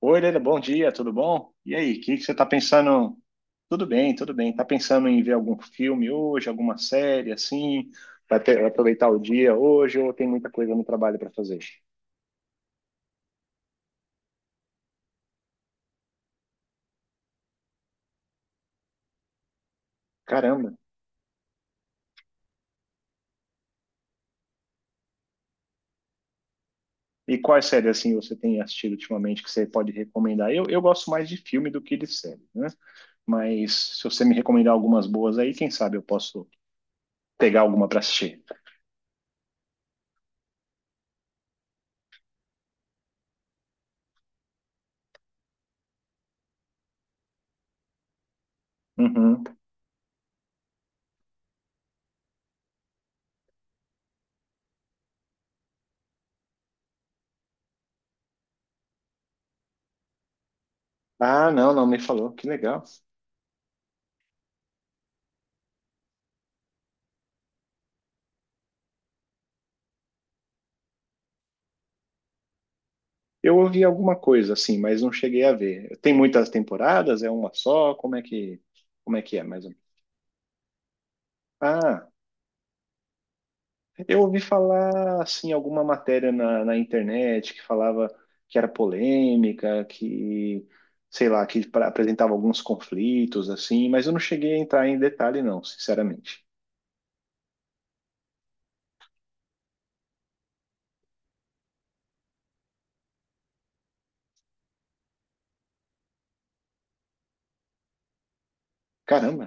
Oi, Helena, bom dia, tudo bom? E aí, o que que você está pensando? Tudo bem, tudo bem. Está pensando em ver algum filme hoje, alguma série assim? Vai aproveitar o dia hoje ou tem muita coisa no trabalho para fazer? Caramba! E quais séries assim você tem assistido ultimamente que você pode recomendar? Eu gosto mais de filme do que de série, né? Mas se você me recomendar algumas boas aí, quem sabe eu posso pegar alguma para assistir. Uhum. Ah, não, não me falou. Que legal. Eu ouvi alguma coisa assim, mas não cheguei a ver. Tem muitas temporadas? É uma só? Como é que é, mais ou menos? Ah, eu ouvi falar assim alguma matéria na internet que falava que era polêmica, que sei lá, apresentava alguns conflitos assim, mas eu não cheguei a entrar em detalhe não, sinceramente. Caramba.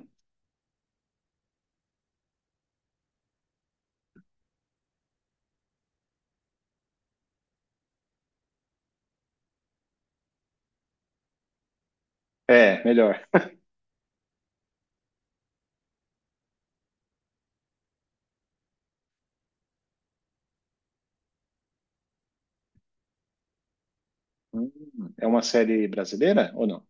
É, melhor. Hum, É uma série brasileira ou não?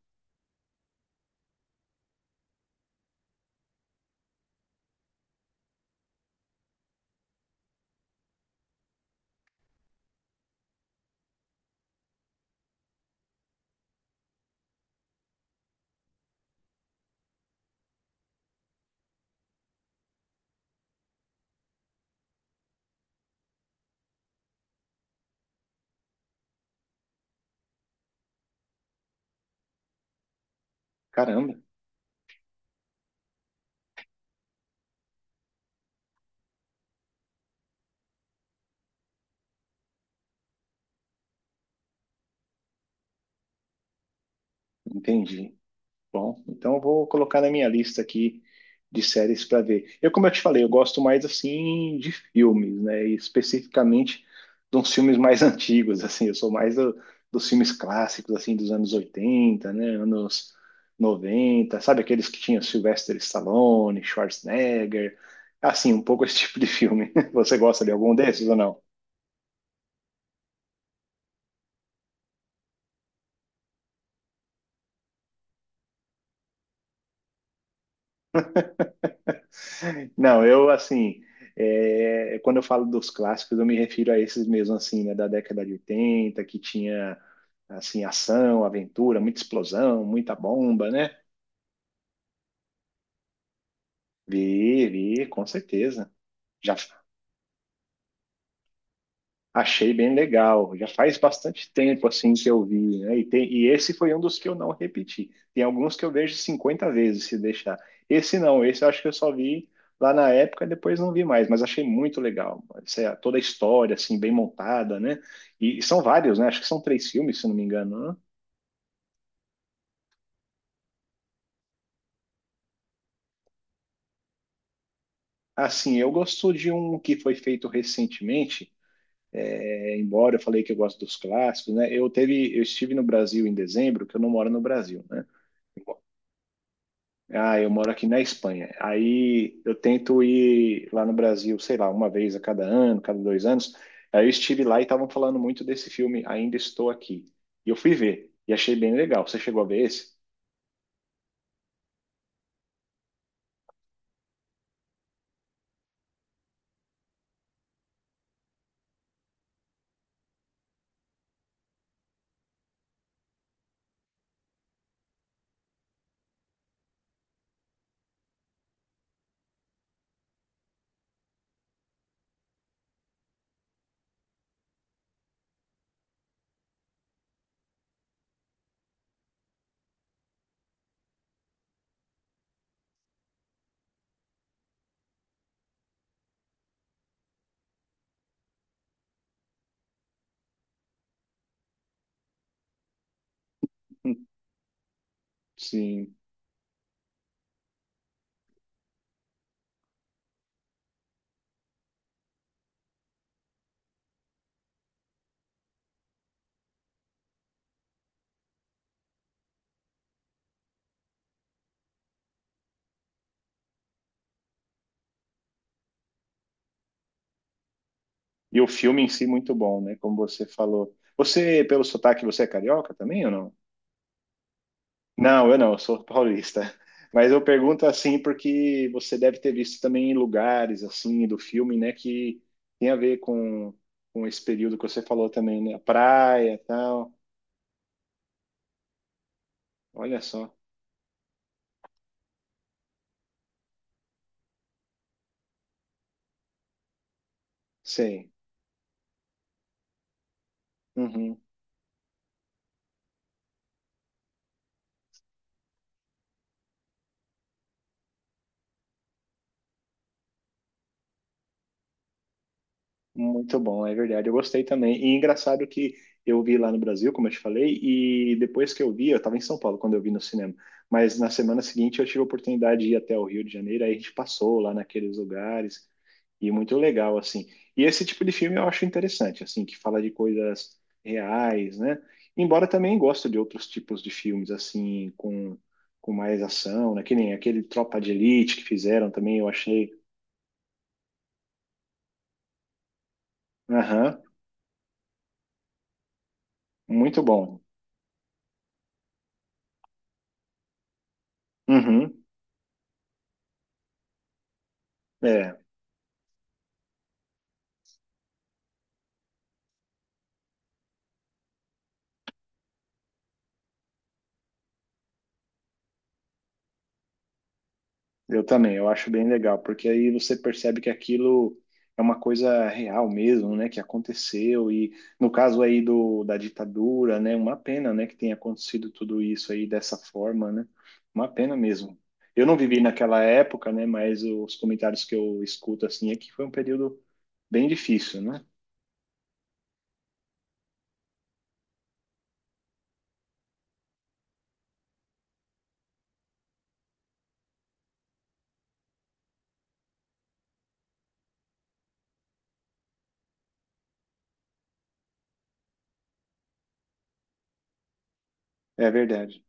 Caramba, entendi. Bom, então eu vou colocar na minha lista aqui de séries para ver. Eu, como eu te falei, eu gosto mais assim de filmes, né? E especificamente de uns filmes mais antigos, assim. Eu sou mais do- Dos filmes clássicos, assim, dos anos 80, né? Anos 90, sabe, aqueles que tinha Sylvester Stallone, Schwarzenegger, assim, um pouco esse tipo de filme. Você gosta de algum desses ou não? Não, eu assim, é, quando eu falo dos clássicos, eu me refiro a esses mesmo assim, né, da década de 80, que tinha assim ação, aventura, muita explosão, muita bomba, né? Vi, vi, com certeza. Já Achei bem legal. Já faz bastante tempo assim que eu vi, né? E esse foi um dos que eu não repeti. Tem alguns que eu vejo 50 vezes se deixar. Esse não, esse eu acho que eu só vi lá na época e depois não vi mais, mas achei muito legal. É toda a história assim bem montada, né? E são vários, né? Acho que são 3 filmes, se não me engano, né? Assim, eu gosto de um que foi feito recentemente. É, embora eu falei que eu gosto dos clássicos, né? Eu estive no Brasil em dezembro, que eu não moro no Brasil, né? Ah, eu moro aqui na Espanha. Aí eu tento ir lá no Brasil, sei lá, uma vez a cada ano, cada 2 anos. Aí eu estive lá e estavam falando muito desse filme Ainda Estou Aqui. E eu fui ver e achei bem legal. Você chegou a ver esse? Sim. E o filme em si muito bom, né? Como você falou. Você, pelo sotaque, você é carioca também ou não? Não, eu não, eu sou paulista. Mas eu pergunto assim porque você deve ter visto também lugares assim do filme, né, que tem a ver com esse período que você falou também, né, praia, tal. Olha só, sei. Uhum. Muito bom, é verdade. Eu gostei também. E engraçado que eu vi lá no Brasil, como eu te falei, e depois que eu vi, eu estava em São Paulo quando eu vi no cinema. Mas na semana seguinte eu tive a oportunidade de ir até o Rio de Janeiro, aí a gente passou lá naqueles lugares. E muito legal, assim. E esse tipo de filme eu acho interessante, assim, que fala de coisas reais, né? Embora também gosto de outros tipos de filmes, assim, com mais ação, né? Que nem aquele Tropa de Elite que fizeram também, eu achei, aham, muito bom. Uhum, é. Eu também, eu acho bem legal, porque aí você percebe que aquilo é uma coisa real mesmo, né, que aconteceu e no caso aí do da ditadura, né, uma pena, né, que tenha acontecido tudo isso aí dessa forma, né? Uma pena mesmo. Eu não vivi naquela época, né, mas os comentários que eu escuto assim é que foi um período bem difícil, né? É verdade.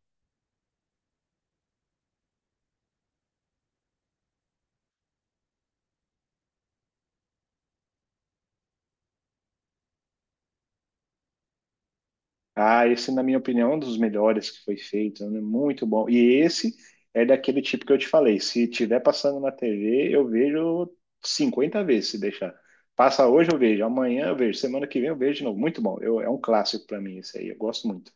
Ah, esse, na minha opinião, é um dos melhores que foi feito, né? Muito bom. E esse é daquele tipo que eu te falei. Se tiver passando na TV, eu vejo 50 vezes, se deixar. Passa hoje, eu vejo. Amanhã eu vejo. Semana que vem eu vejo de novo. Muito bom. É um clássico para mim esse aí. Eu gosto muito.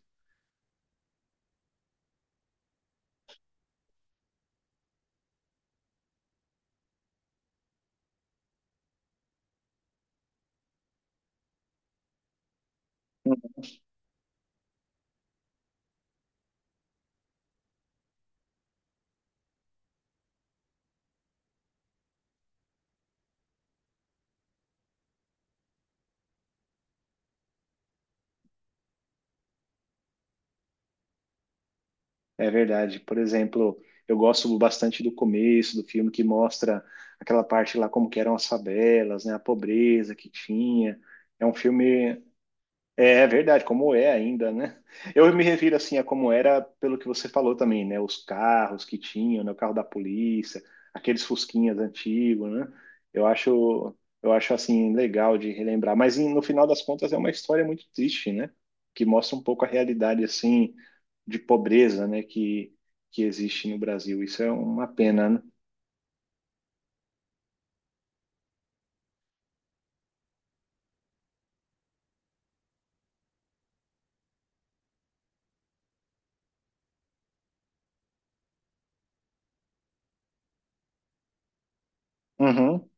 É verdade. Por exemplo, eu gosto bastante do começo do filme que mostra aquela parte lá como que eram as favelas, né? A pobreza que tinha. É um filme. É verdade, como é ainda, né? Eu me refiro assim a como era pelo que você falou também, né? Os carros que tinham, né? O carro da polícia, aqueles fusquinhas antigos, né? Eu acho, eu acho assim legal de relembrar, mas no final das contas é uma história muito triste, né? Que mostra um pouco a realidade assim de pobreza, né? Que existe no Brasil. Isso é uma pena, né? Uhum.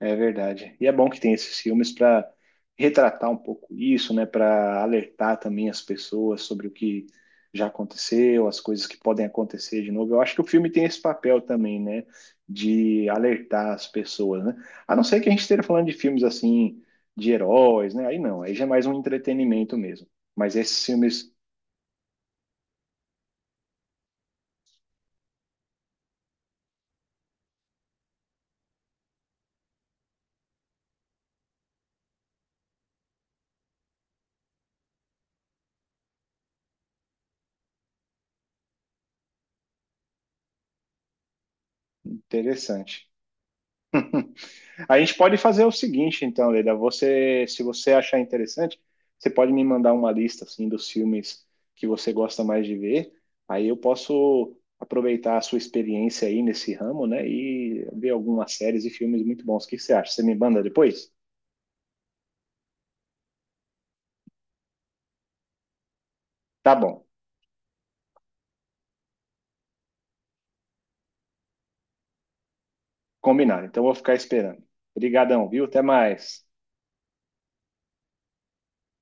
É verdade. E é bom que tem esses filmes para retratar um pouco isso, né? Para alertar também as pessoas sobre o que já aconteceu, as coisas que podem acontecer de novo. Eu acho que o filme tem esse papel também, né? De alertar as pessoas, né? A não ser que a gente esteja falando de filmes assim, de heróis, né? Aí não, aí já é mais um entretenimento mesmo. Mas esses filmes, interessante. A gente pode fazer o seguinte, então, Leila, você, se você achar interessante, você pode me mandar uma lista assim dos filmes que você gosta mais de ver. Aí eu posso aproveitar a sua experiência aí nesse ramo, né, e ver algumas séries e filmes muito bons. O que você acha? Você me manda depois? Tá bom, combinado. Então eu vou ficar esperando. Obrigadão, viu? Até mais.